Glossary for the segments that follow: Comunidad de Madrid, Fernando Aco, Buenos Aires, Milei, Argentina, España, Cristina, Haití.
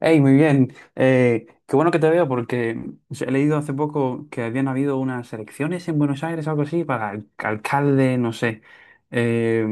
Hey, muy bien. Qué bueno que te veo porque he leído hace poco que habían habido unas elecciones en Buenos Aires, algo así, para alcalde, no sé. Eh,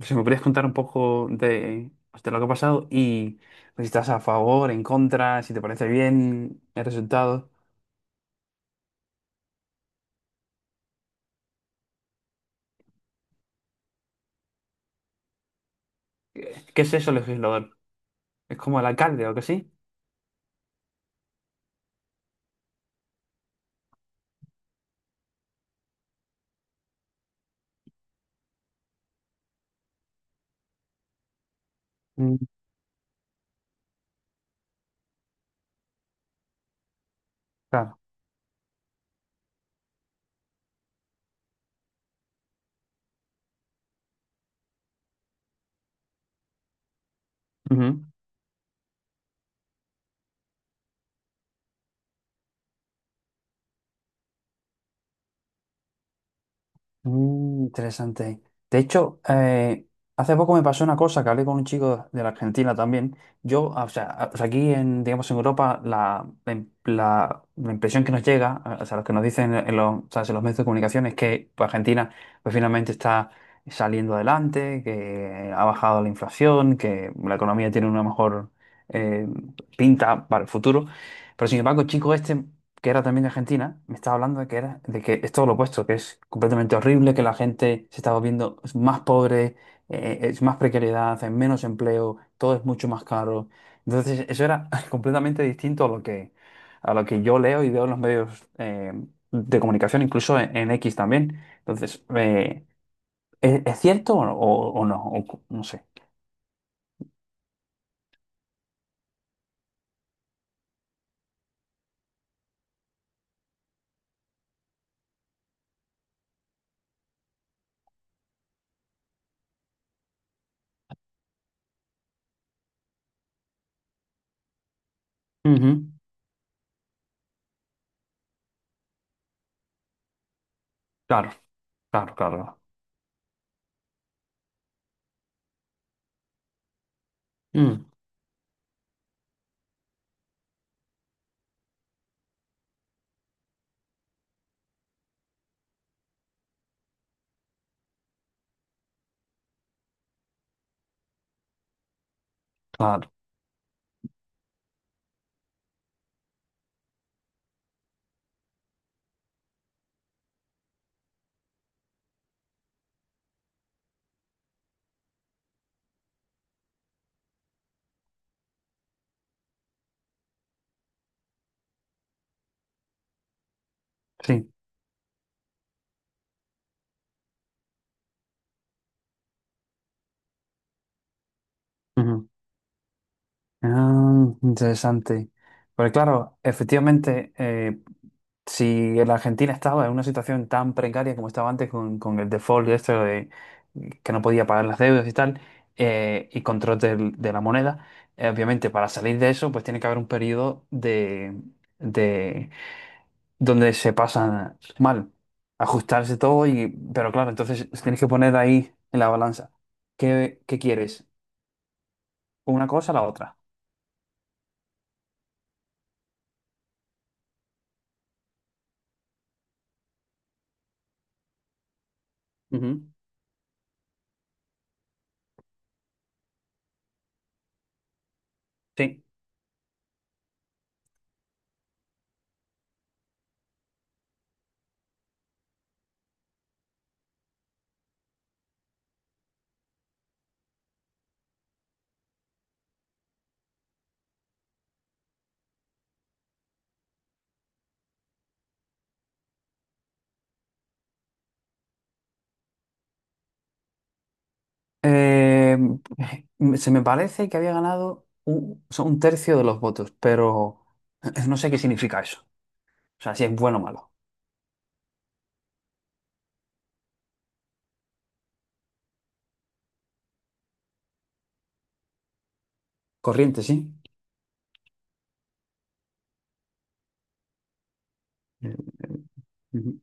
si me podrías contar un poco de, pues, de lo que ha pasado y si estás a favor, en contra, si te parece bien el resultado. ¿Qué es eso, legislador? ¿Es como el alcalde o algo así? Mm, Claro. Mm, interesante. De hecho, hace poco me pasó una cosa que hablé con un chico de la Argentina también. Yo, o sea, o sea, aquí en, digamos, en Europa, la, la, la impresión que nos llega, o sea, lo que nos dicen en los, o sea, en los medios de comunicación es que pues, Argentina pues, finalmente está saliendo adelante, que ha bajado la inflación, que la economía tiene una mejor eh, pinta para el futuro. Pero sin embargo, el chico este que era también de Argentina, me estaba hablando de que era, de que es todo lo opuesto, que es completamente horrible, que la gente se está volviendo más pobre, es más precariedad, hay menos empleo, todo es mucho más caro. Entonces, eso era completamente distinto a lo que yo leo y veo en los medios de comunicación, incluso en X también. Entonces, ¿es cierto o, o no? O no sé. Ujú. Claro, claro, claro. Mm, claro, sí. Ah, interesante. Porque claro, efectivamente, si la Argentina estaba en una situación tan precaria como estaba antes con el default y esto de que no podía pagar las deudas y tal, y control de la moneda, obviamente para salir de eso, pues tiene que haber un periodo de donde se pasa mal, ajustarse todo y, pero claro, entonces tienes que poner ahí en la balanza. ¿Qué quieres? ¿Una cosa o la otra? Ujú. Sí. Eh, Se me parece que había ganado un, o sea, un tercio de los votos, pero no sé qué significa eso. O sea, si es bueno o malo. Corriente, sí. Eh, ujú.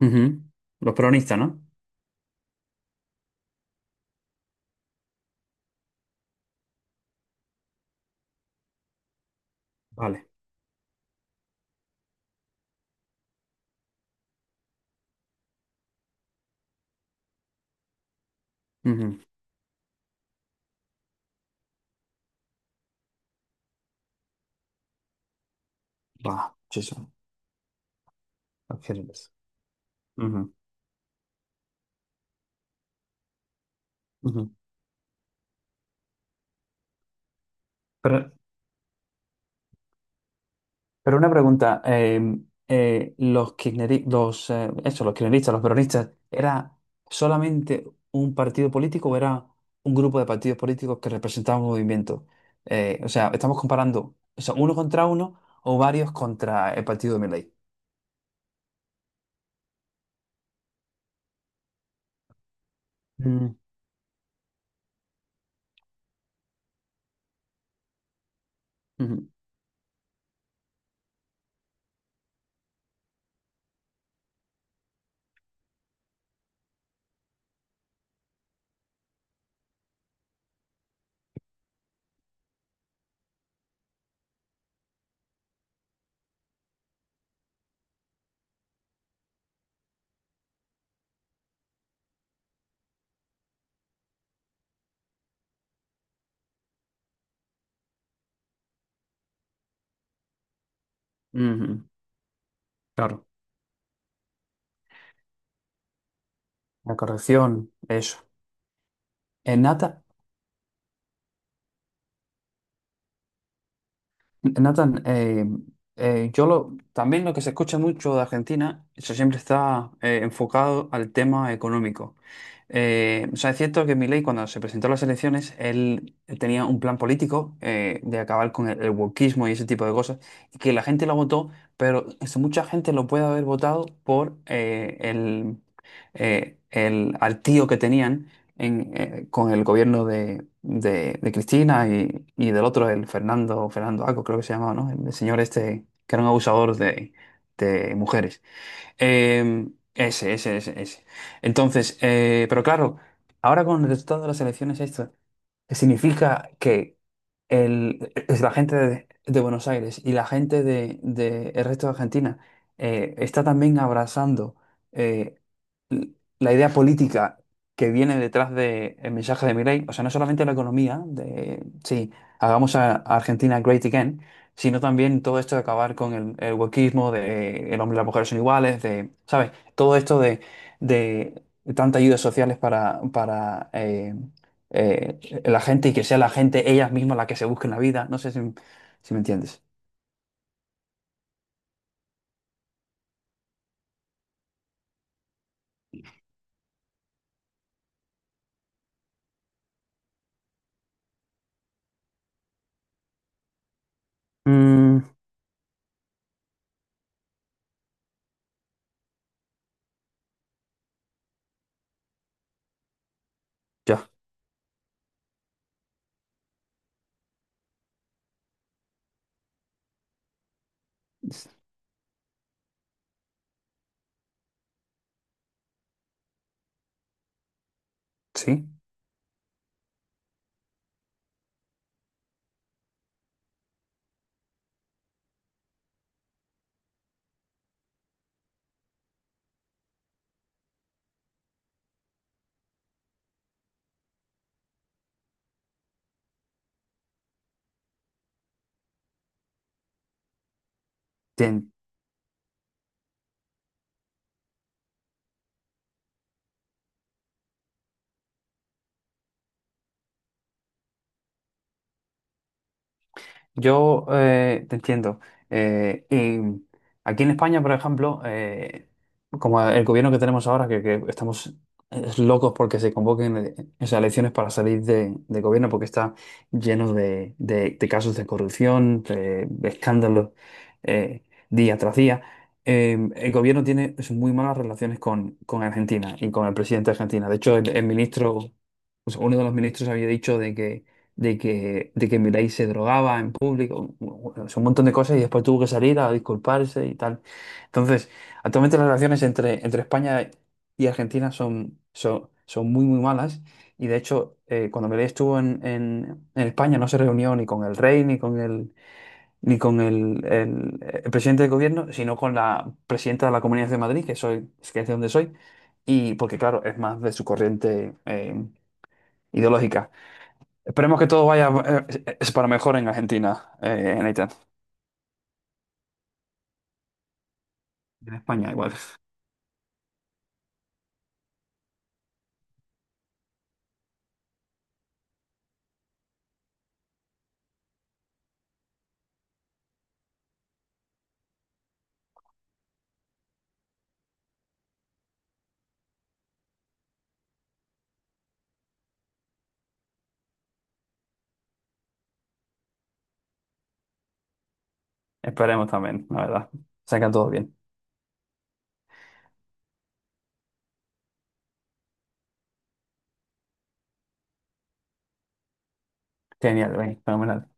Ujú. Los peronistas, ¿no? Vale. Ujú. Va, sí, sí. Los kirchneristas. Ujú. Ujú. Pero Pero una pregunta, los los, eso, los kirchneristas, los peronistas, ¿era solamente un partido político o era un grupo de partidos políticos que representaban un movimiento? O sea, estamos comparando, o sea, uno contra uno o varios contra el partido de Milei. Mm, ujú, ujú. Claro, la corrección, eso. En Nata, Nathan, yo lo, también lo que se escucha mucho de Argentina, eso siempre está enfocado al tema económico. O sea, es cierto que Milei, cuando se presentó a las elecciones, él tenía un plan político de acabar con el wokismo y ese tipo de cosas, y que la gente lo votó, pero mucha gente lo puede haber votado por el, al tío que tenían en, con el gobierno de, de Cristina y del otro, el Fernando, Fernando Aco, creo que se llamaba, ¿no? El, señor este, que era un abusador de mujeres. Eh, ese, ese, ese, ese. Entonces, pero claro, ahora con el resultado de las elecciones, esto significa que el, es la gente de Buenos Aires y la gente de el resto de Argentina está también abrazando eh, l- la idea política que viene detrás del mensaje de Milei, o sea, no solamente la economía, de sí, hagamos a Argentina great again, sino también todo esto de acabar con el wokeísmo, de el hombre y la mujer son iguales, de, ¿sabes? Todo esto de tantas ayudas sociales para la gente y que sea la gente ellas mismas la que se busque en la vida. No sé si, si me entiendes. Mm, ya. ¿Sí? Te, yo te entiendo. Y aquí en España, por ejemplo, como el gobierno que tenemos ahora, que estamos locos porque se convoquen esas elecciones para salir de gobierno, porque está lleno de, de casos de corrupción, de escándalos eh, día tras día. El gobierno tiene es, muy malas relaciones con Argentina y con el presidente de Argentina. De hecho, el ministro, o sea, uno de los ministros había dicho de que de que Milei se drogaba en público, bueno, es un montón de cosas y después tuvo que salir a disculparse y tal. Entonces, actualmente las relaciones entre, entre España y Argentina son, son, son muy, muy malas y de hecho, cuando Milei estuvo en España no se reunió ni con el rey, ni con el, ni con el, el presidente del gobierno, sino con la presidenta de la Comunidad de Madrid, que, soy, que es de donde soy, y porque claro, es más de su corriente ideológica. Esperemos que todo vaya es para mejor en Argentina, en Haití. En España igual. Esperemos también, la verdad. Sacan todo bien. Genial, bien, fenomenal.